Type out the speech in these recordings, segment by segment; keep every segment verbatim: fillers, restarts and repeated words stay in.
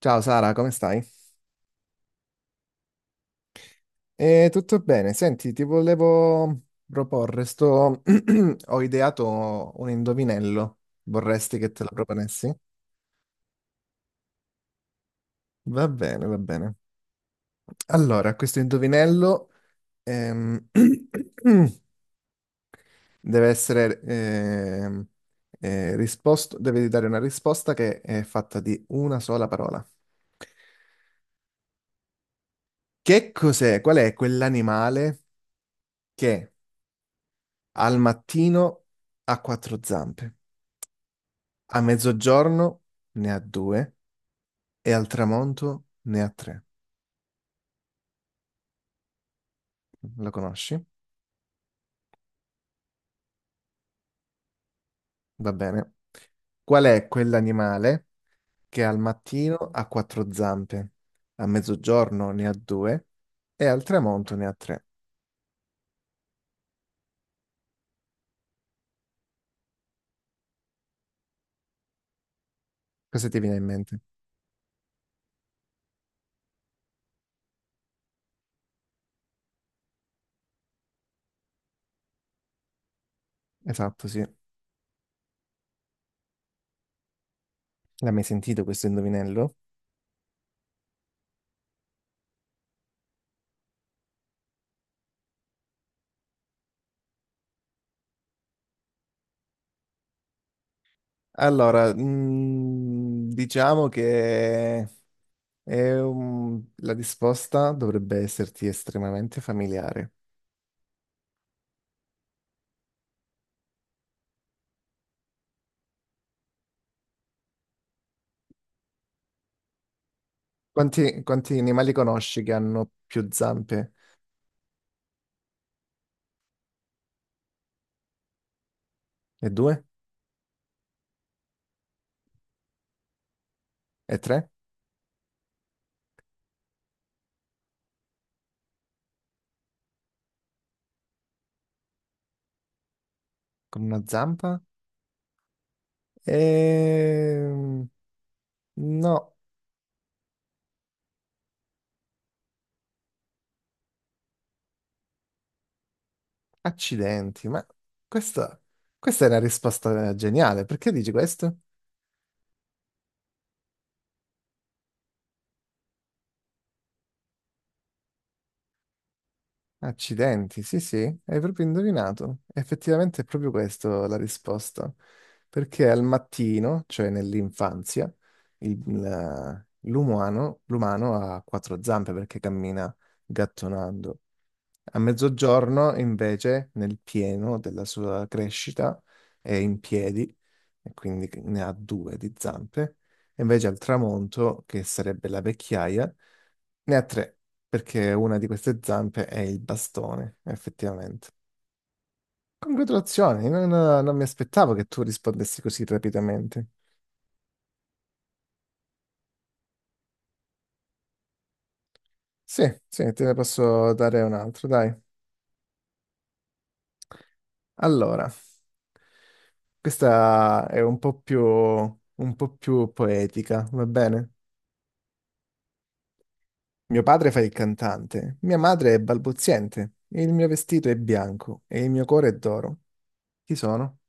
Ciao Sara, come stai? Eh, tutto bene. Senti, ti volevo proporre, sto... ho ideato un indovinello. Vorresti che te lo proponessi? Va bene, va bene. Allora, questo indovinello ehm, deve essere ehm, eh, risposto, devi dare una risposta che è fatta di una sola parola. Che cos'è? Qual è quell'animale che al mattino ha quattro zampe? A mezzogiorno ne ha due e al tramonto ne ha tre. Lo conosci? Va bene. Qual è quell'animale che al mattino ha quattro zampe, a mezzogiorno ne ha due e al tramonto ne ha tre? Cosa ti viene in mente? Esatto, sì. L'hai mai sentito questo indovinello? Allora, mm, diciamo che è un- la risposta dovrebbe esserti estremamente familiare. Quanti, quanti animali conosci che hanno più zampe? E due? E tre? Con una zampa? E... No, accidenti, ma questa, questa è una risposta geniale. Perché dici questo? Accidenti, sì, sì, hai proprio indovinato. Effettivamente è proprio questa la risposta. Perché al mattino, cioè nell'infanzia, il- la- l'umano l'umano ha quattro zampe perché cammina gattonando. A mezzogiorno, invece, nel pieno della sua crescita, è in piedi e quindi ne ha due di zampe. E invece al tramonto, che sarebbe la vecchiaia, ne ha tre, perché una di queste zampe è il bastone, effettivamente. Congratulazioni, non, non mi aspettavo che tu rispondessi così rapidamente. Sì, sì, te ne posso dare un altro, dai. Allora, questa è un po' più, un po' più poetica, va bene? Mio padre fa il cantante, mia madre è balbuziente, il mio vestito è bianco e il mio cuore è d'oro. Chi sono?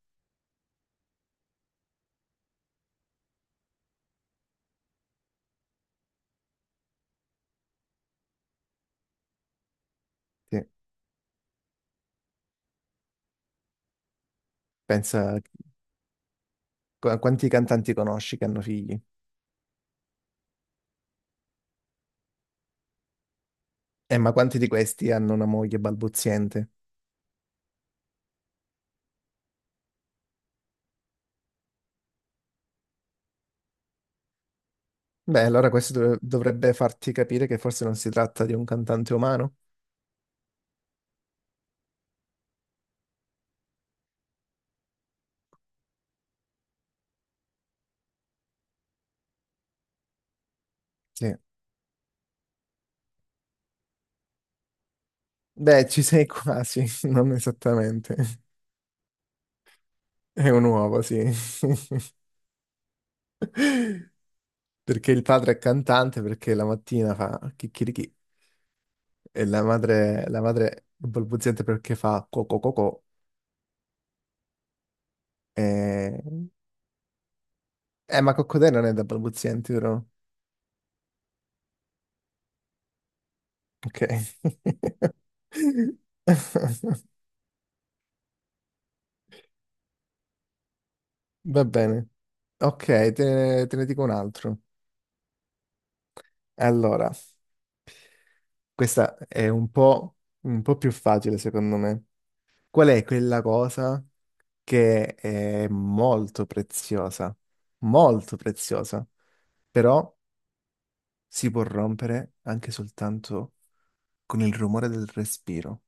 Sì, pensa qu- quanti cantanti conosci che hanno figli. Eh, ma quanti di questi hanno una moglie balbuziente? Beh, allora questo dov- dovrebbe farti capire che forse non si tratta di un cantante umano. Sì. Beh, ci sei quasi, non esattamente. È un uovo, sì. Perché il padre è cantante, perché la mattina fa chicchirichì. E la madre, la madre è balbuziente perché fa coco coco. E... eh, ma coccodè non è da balbuzienti, vero? Ok. Va bene. Ok, te ne, te ne dico un altro. Allora, questa è un po', un po' più facile, secondo me. Qual è quella cosa che è molto preziosa? Molto preziosa, però si può rompere anche soltanto con il rumore del respiro.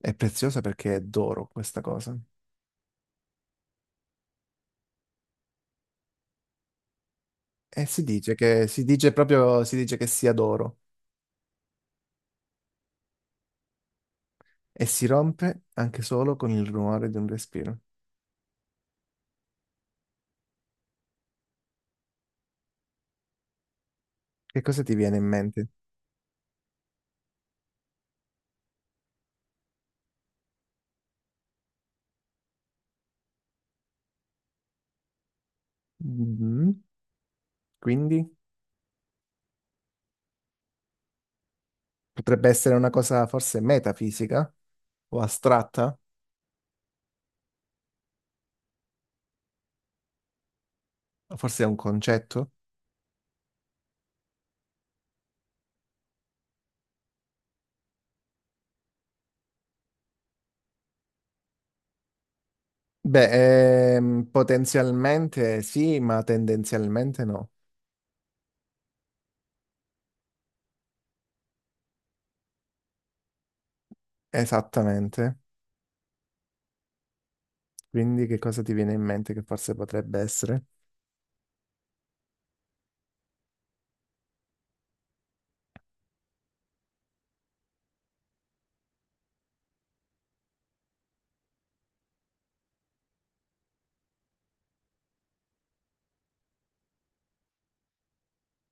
È preziosa perché è d'oro questa cosa. E si dice che, si dice proprio, si dice che sia d'oro e si rompe anche solo con il rumore di un respiro. Che cosa ti viene in mente? Mm, quindi potrebbe essere una cosa forse metafisica o astratta, o forse è un concetto? Beh, ehm, potenzialmente sì, ma tendenzialmente no. Esattamente. Quindi che cosa ti viene in mente che forse potrebbe essere?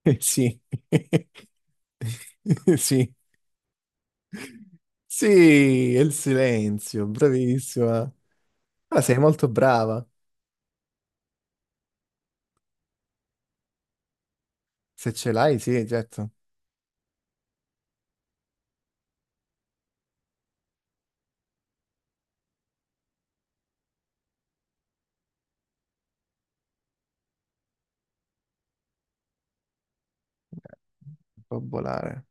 Eh, Sì. Sì. Sì, è il silenzio, bravissima. Ah, sei molto brava. Se ce l'hai, sì, certo. Può volare.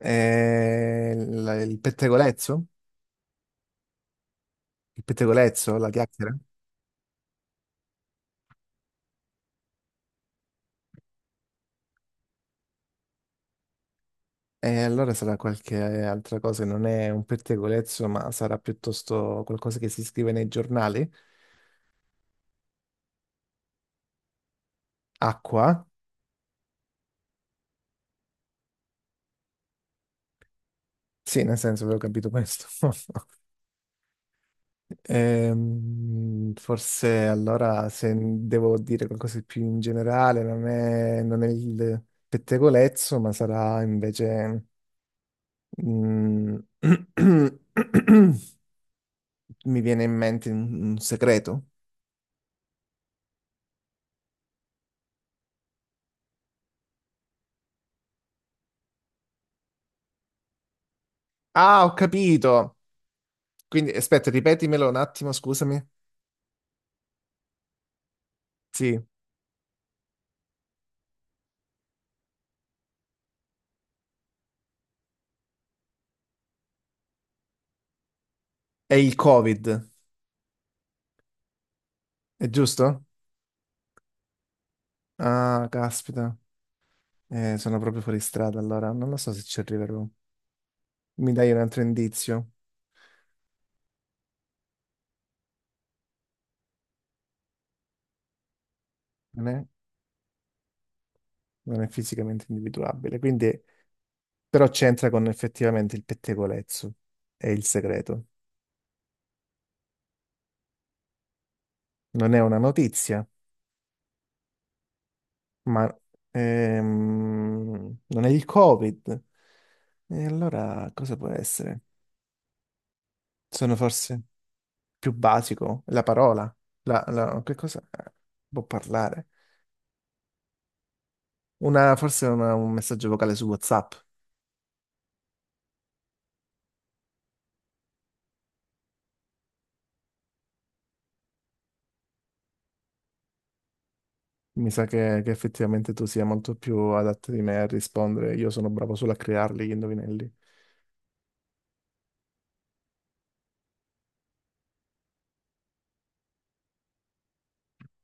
Eh, la- il pettegolezzo? Il pettegolezzo, la chiacchiera? E allora sarà qualche altra cosa, non è un pettegolezzo, ma sarà piuttosto qualcosa che si scrive nei giornali. Acqua? Sì, nel senso, avevo capito questo. Ehm, forse allora se devo dire qualcosa di più in generale, non è, non è il pettegolezzo, ma sarà invece... mm, mi viene in mente un un segreto. Ah, ho capito! Quindi aspetta, ripetimelo un attimo, scusami. Sì, è il Covid, è giusto? Ah, caspita, eh, sono proprio fuori strada allora, non lo so se ci arriverò. Mi dai un altro indizio? Non è? Non è fisicamente individuabile, quindi però c'entra con effettivamente il pettegolezzo, è il segreto. Non è una notizia, ma ehm, non è il Covid. E allora cosa può essere? Sono forse più basico, la parola, la, la- che cosa eh, può parlare? Una, forse una- un messaggio vocale su WhatsApp. Mi sa che, che effettivamente tu sia molto più adatto di me a rispondere. Io sono bravo solo a crearli gli indovinelli.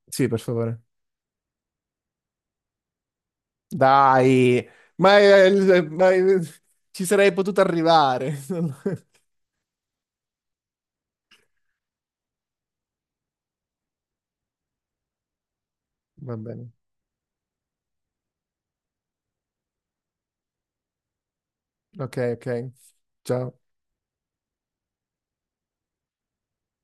Sì, per favore. Dai, ma, eh, ma, eh, ci sarei potuto arrivare. Va bene. Ok, ok. Ciao.